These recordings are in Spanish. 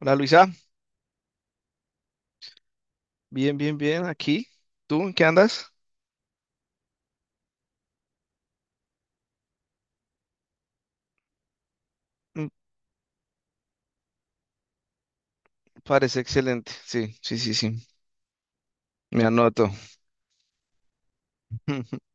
Hola Luisa, bien, bien, bien, aquí. ¿Tú en qué andas? Mm. Parece excelente. Sí, sí, sí, sí. Me anoto.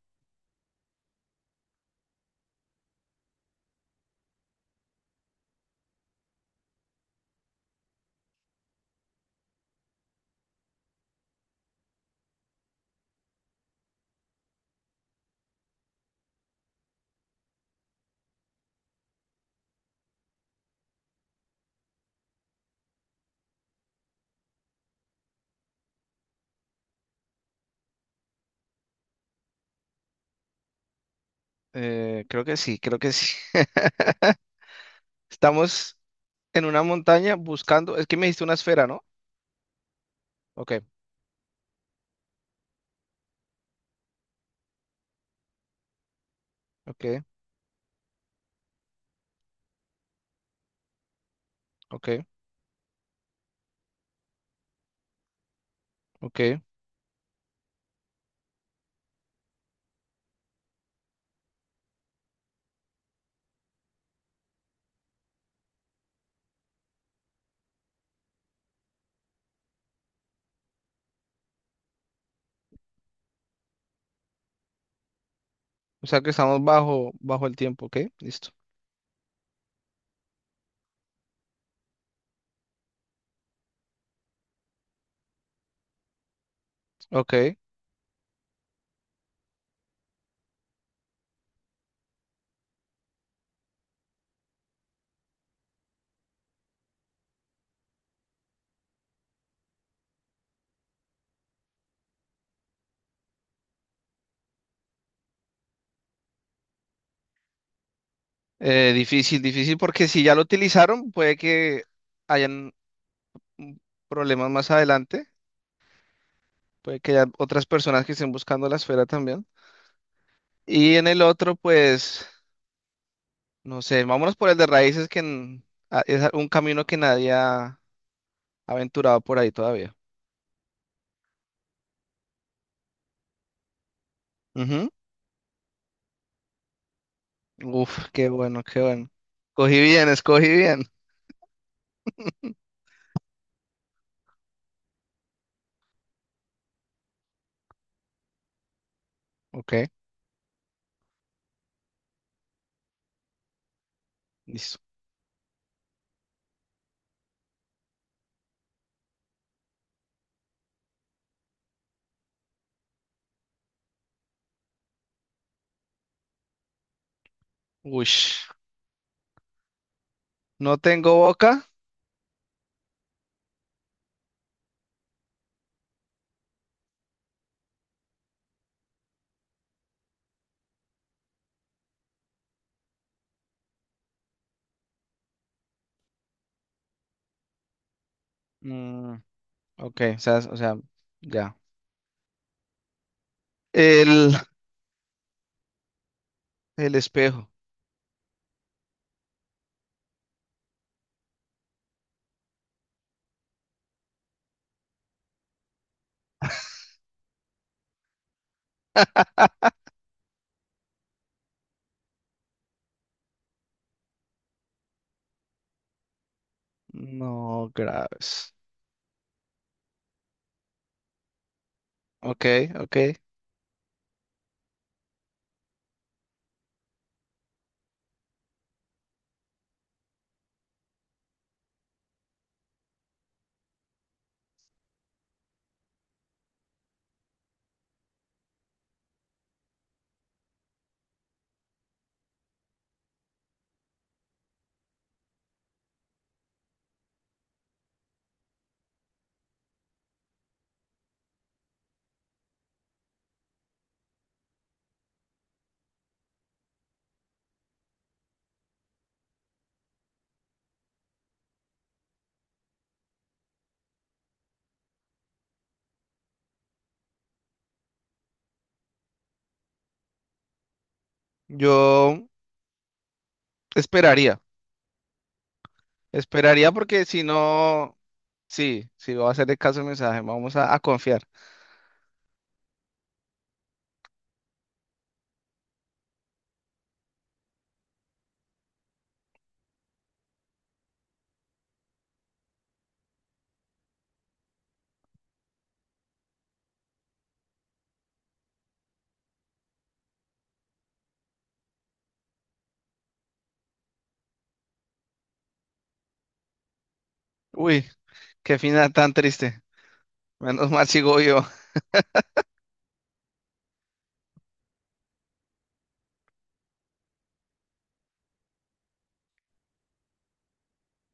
Creo que sí, creo que sí. Estamos en una montaña buscando. Es que me diste una esfera, ¿no? Ok, ok, ok, ok. O sea que estamos bajo el tiempo, ¿ok? Listo. Ok. Difícil, difícil, porque si ya lo utilizaron, puede que hayan mm, problemas más adelante. Puede que haya otras personas que estén buscando la esfera también. Y en el otro, pues, no sé, vámonos por el de raíces, que es un camino que nadie ha aventurado por ahí todavía. Ujú. Uf, qué bueno, qué bueno. Cogí bien, escogí bien. Ok, listo. Ush, no tengo boca. Mm, ok, o sea, ya. El, el espejo. No, graves. Ok, ok. Yo esperaría, esperaría porque si no. Sí, sí, voy a hacerle caso al mensaje, vamos a confiar. Uy, qué final tan triste. Menos mal sigo yo.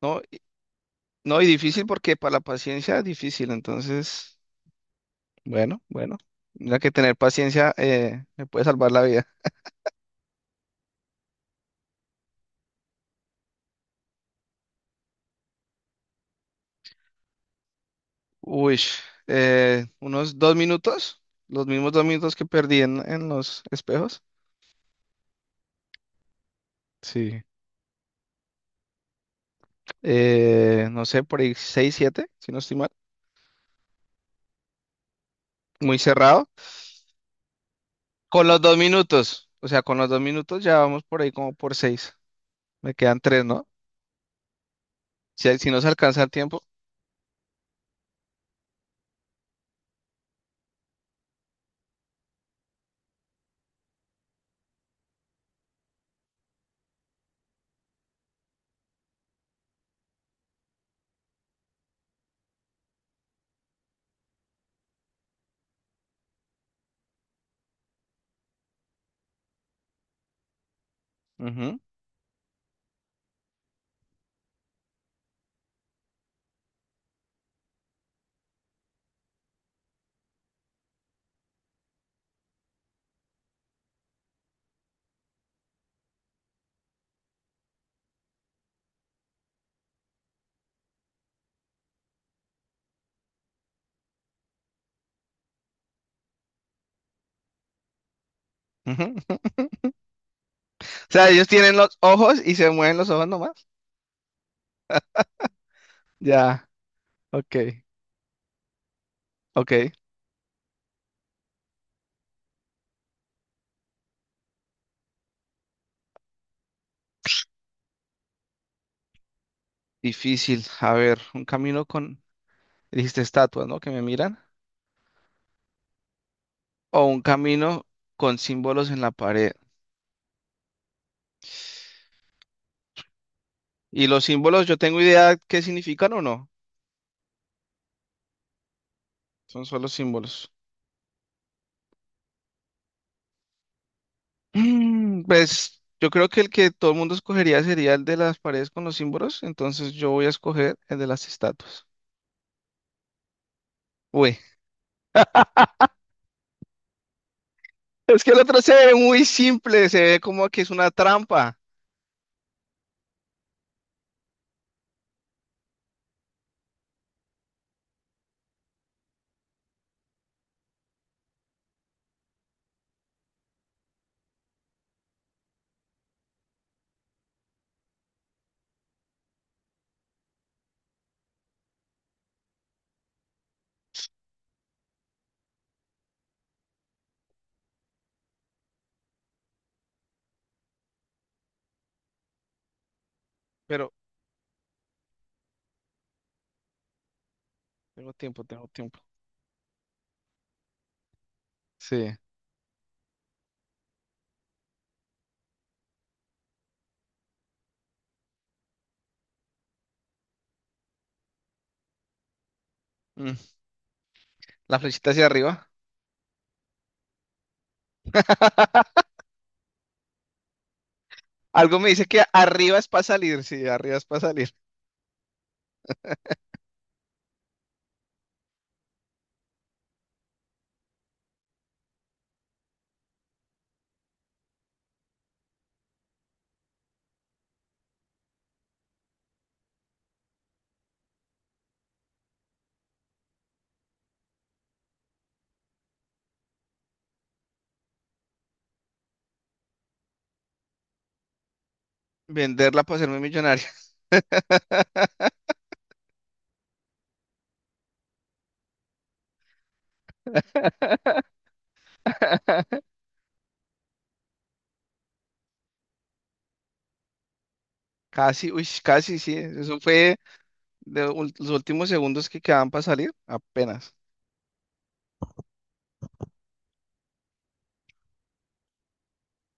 No, no, y difícil porque para la paciencia es difícil, entonces, bueno, bueno. Mira que tener paciencia me puede salvar la vida. Uy, unos 2 minutos, los mismos 2 minutos que perdí en los espejos. Sí. No sé, por ahí 6 7, si no estoy mal. Muy cerrado. Con los 2 minutos. O sea, con los 2 minutos ya vamos por ahí como por 6. Me quedan 3, ¿no? Si, si no se alcanza el tiempo. Ujú, ujú. O sea, ellos tienen los ojos y se mueven los ojos nomás. Ya, ok, ok. Difícil. A ver, un camino con, dijiste estatuas, ¿no? Que me miran. O un camino con símbolos en la pared. Y los símbolos, yo tengo idea qué significan o no. Son solo símbolos. Pues yo creo que el que todo el mundo escogería sería el de las paredes con los símbolos, entonces yo voy a escoger el de las estatuas. Uy, es que el otro se ve muy simple, se ve como que es una trampa, pero tengo tiempo, tengo tiempo. Sí. Mm, La flechita hacia arriba. Algo me dice que arriba es para salir, sí, arriba es para salir. Venderla para hacerme millonario. Casi, uy, casi, sí. Eso fue de los últimos segundos que quedaban para salir, apenas.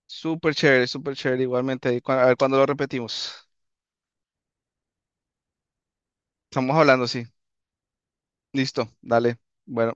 Súper chévere igualmente. Ahí a ver cuándo lo repetimos. Estamos hablando, sí. Listo, dale. Bueno.